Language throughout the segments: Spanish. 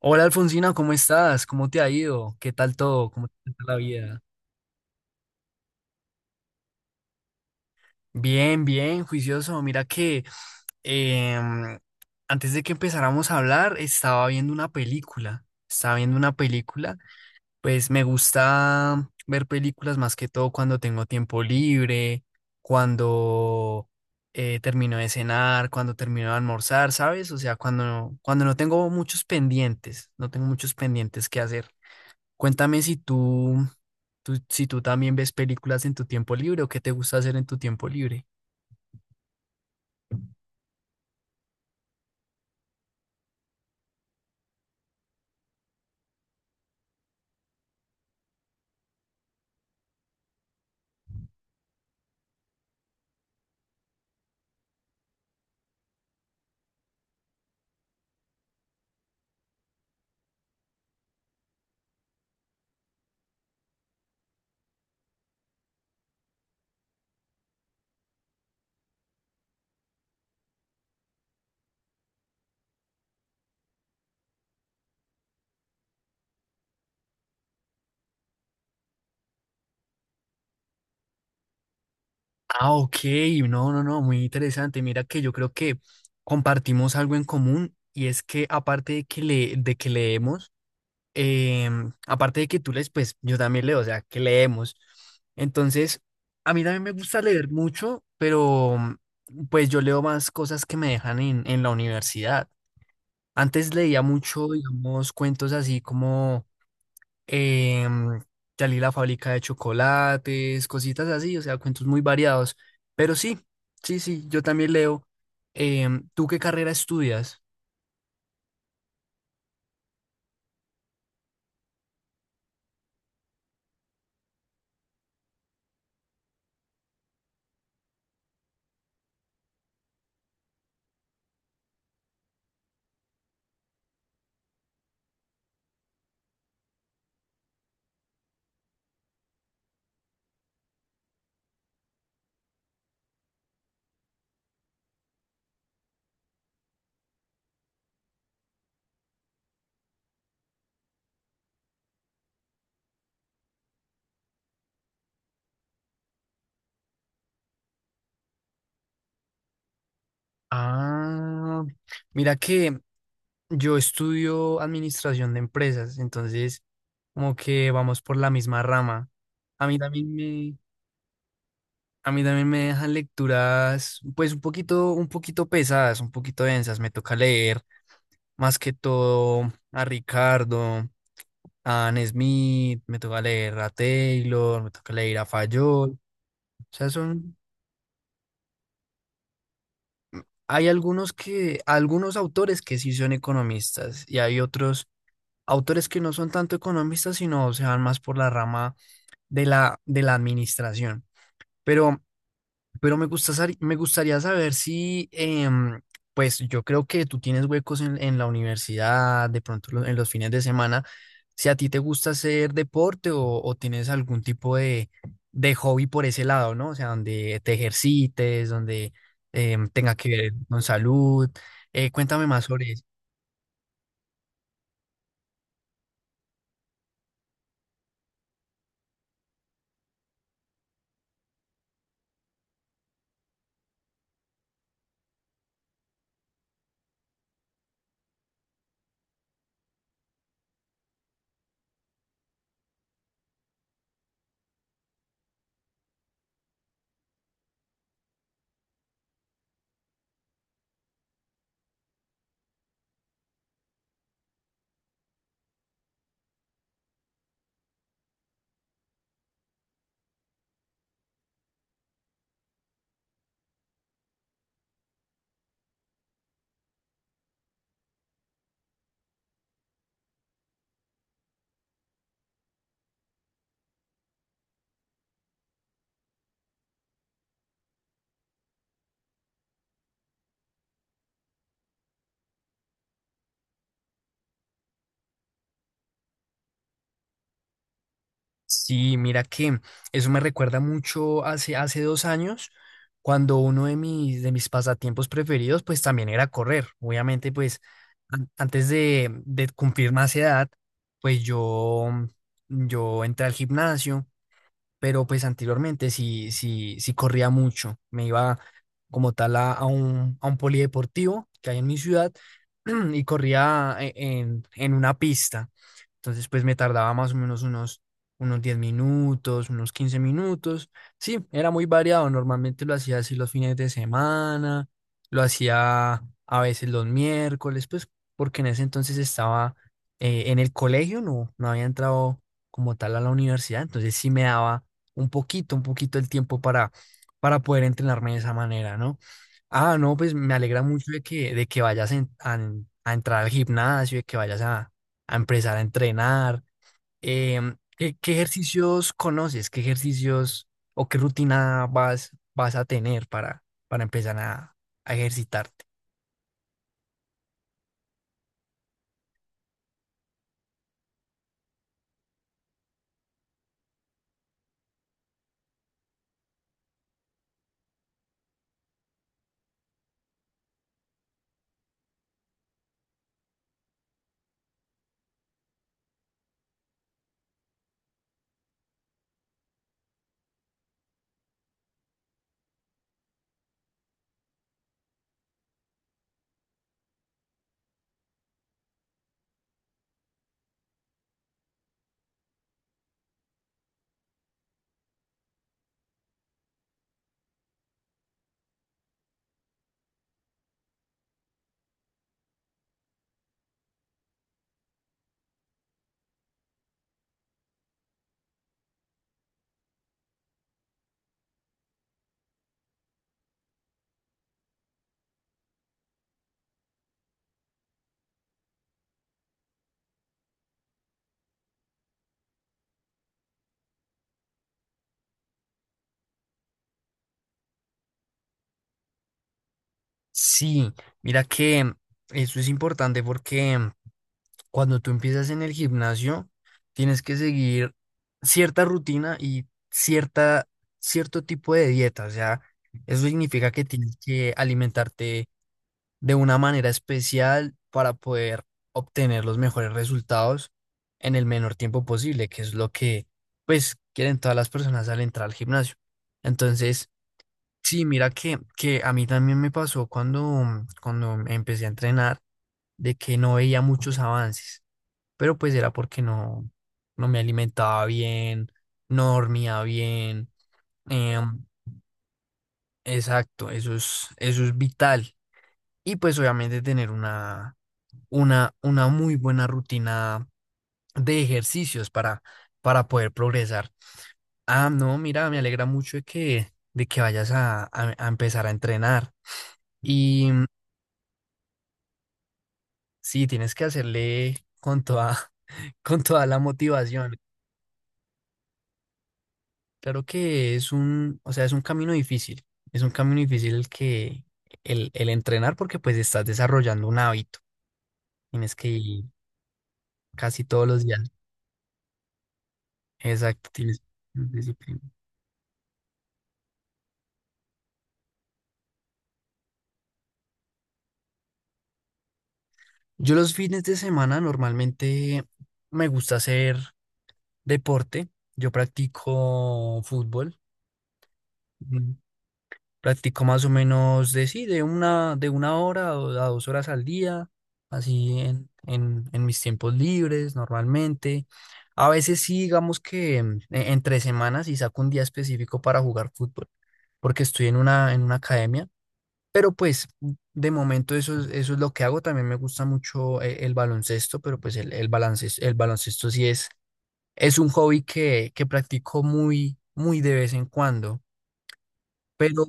Hola Alfonsina, ¿cómo estás? ¿Cómo te ha ido? ¿Qué tal todo? ¿Cómo te está la vida? Bien, bien, juicioso. Mira que em, antes de que empezáramos a hablar, estaba viendo una película. Estaba viendo una película. Pues me gusta ver películas más que todo cuando tengo tiempo libre, cuando termino de cenar, cuando termino de almorzar, ¿sabes? O sea, cuando no tengo muchos pendientes, no tengo muchos pendientes que hacer. Cuéntame si si tú también ves películas en tu tiempo libre o qué te gusta hacer en tu tiempo libre. Ah, ok, no, no, no, muy interesante. Mira que yo creo que compartimos algo en común y es que aparte de que, de que leemos, aparte de que tú lees, pues yo también leo, o sea, que leemos. Entonces, a mí también me gusta leer mucho, pero pues yo leo más cosas que me dejan en la universidad. Antes leía mucho, digamos, cuentos así como em, Dalí la fábrica de chocolates, cositas así, o sea, cuentos muy variados. Pero sí, sí, sí, yo también leo. ¿Tú qué carrera estudias? Ah, mira que yo estudio administración de empresas, entonces como que vamos por la misma rama. A mí también me, a mí también me dejan lecturas, pues un poquito pesadas, un poquito densas, me toca leer. Más que todo a Ricardo, a Anne Smith, me toca leer a Taylor, me toca leer a Fayol. O sea, son, hay algunos que, algunos autores que sí son economistas y hay otros autores que no son tanto economistas, sino se van más por la rama de la administración. Pero Pero me gusta, me gustaría saber si, pues yo creo que tú tienes huecos en la universidad, de pronto en los fines de semana, si a ti te gusta hacer deporte o tienes algún tipo de hobby por ese lado, ¿no? O sea, donde te ejercites, donde tenga que ver con salud. Cuéntame más sobre eso. Sí, mira que eso me recuerda mucho hace, hace 2 años, cuando uno de mis pasatiempos preferidos, pues también era correr. Obviamente, pues antes de cumplir más edad, pues yo entré al gimnasio pero pues anteriormente sí, sí, sí corría mucho. Me iba como tal a un polideportivo que hay en mi ciudad y corría en una pista. Entonces pues me tardaba más o menos unos, unos 10 minutos, unos 15 minutos. Sí, era muy variado. Normalmente lo hacía así los fines de semana, lo hacía a veces los miércoles, pues porque en ese entonces estaba en el colegio, no, no había entrado como tal a la universidad, entonces sí me daba un poquito el tiempo para poder entrenarme de esa manera, ¿no? Ah, no, pues me alegra mucho de que vayas a entrar al gimnasio, de que vayas a empezar a entrenar. ¿Qué, qué ejercicios conoces? ¿Qué ejercicios o qué rutina vas, vas a tener para empezar a ejercitarte? Sí, mira que eso es importante porque cuando tú empiezas en el gimnasio, tienes que seguir cierta rutina y cierta, cierto tipo de dieta. O sea, eso significa que tienes que alimentarte de una manera especial para poder obtener los mejores resultados en el menor tiempo posible, que es lo que, pues, quieren todas las personas al entrar al gimnasio. Entonces, sí, mira que a mí también me pasó cuando, cuando empecé a entrenar, de que no veía muchos avances, pero pues era porque no, no me alimentaba bien, no dormía bien. em, exacto, eso es vital. Y pues obviamente tener una muy buena rutina de ejercicios para poder progresar. Ah, no, mira, me alegra mucho de que vayas a, a empezar a entrenar. Y sí, tienes que hacerle con toda, con toda la motivación. Claro que es un, o sea, es un camino difícil. Es un camino difícil el que el entrenar porque pues estás desarrollando un hábito. Tienes que ir casi todos los días. Exacto, tienes disciplina. Yo los fines de semana normalmente me gusta hacer deporte. Yo practico fútbol. Mm, Practico más o menos de sí, de una hora o a dos horas al día, así en mis tiempos libres normalmente. A veces sí, digamos que entre semanas y saco un día específico para jugar fútbol, porque estoy en una academia, pero pues de momento eso es lo que hago. También me gusta mucho el, baloncesto, pero pues el baloncesto sí es un hobby que practico muy, muy de vez en cuando. Pero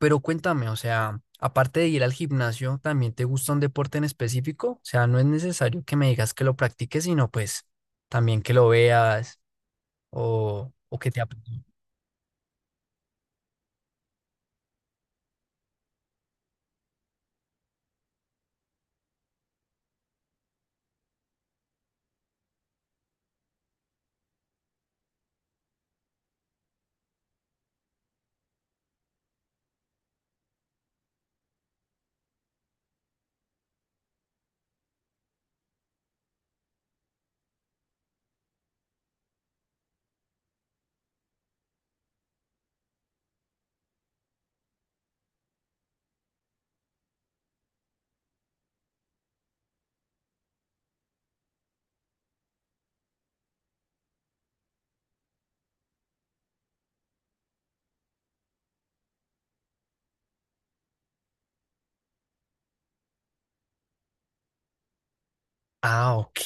pero cuéntame, o sea, aparte de ir al gimnasio, ¿también te gusta un deporte en específico? O sea, no es necesario que me digas que lo practiques, sino pues también que lo veas o que te... Ah, ok.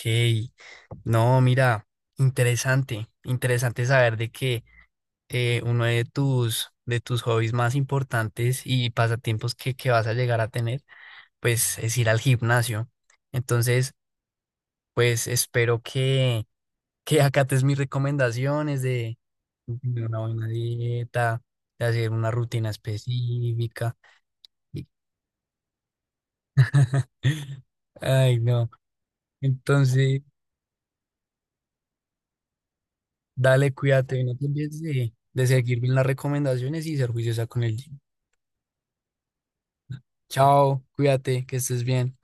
No, mira, interesante, interesante saber de que uno de tus hobbies más importantes y pasatiempos que vas a llegar a tener, pues es ir al gimnasio. Entonces, pues espero que acates mis recomendaciones de tener una buena dieta, de hacer una rutina específica. Ay, no. Entonces, dale, cuídate, no te olvides de seguir bien las recomendaciones y ser juiciosa con el gym. Chao, cuídate, que estés bien.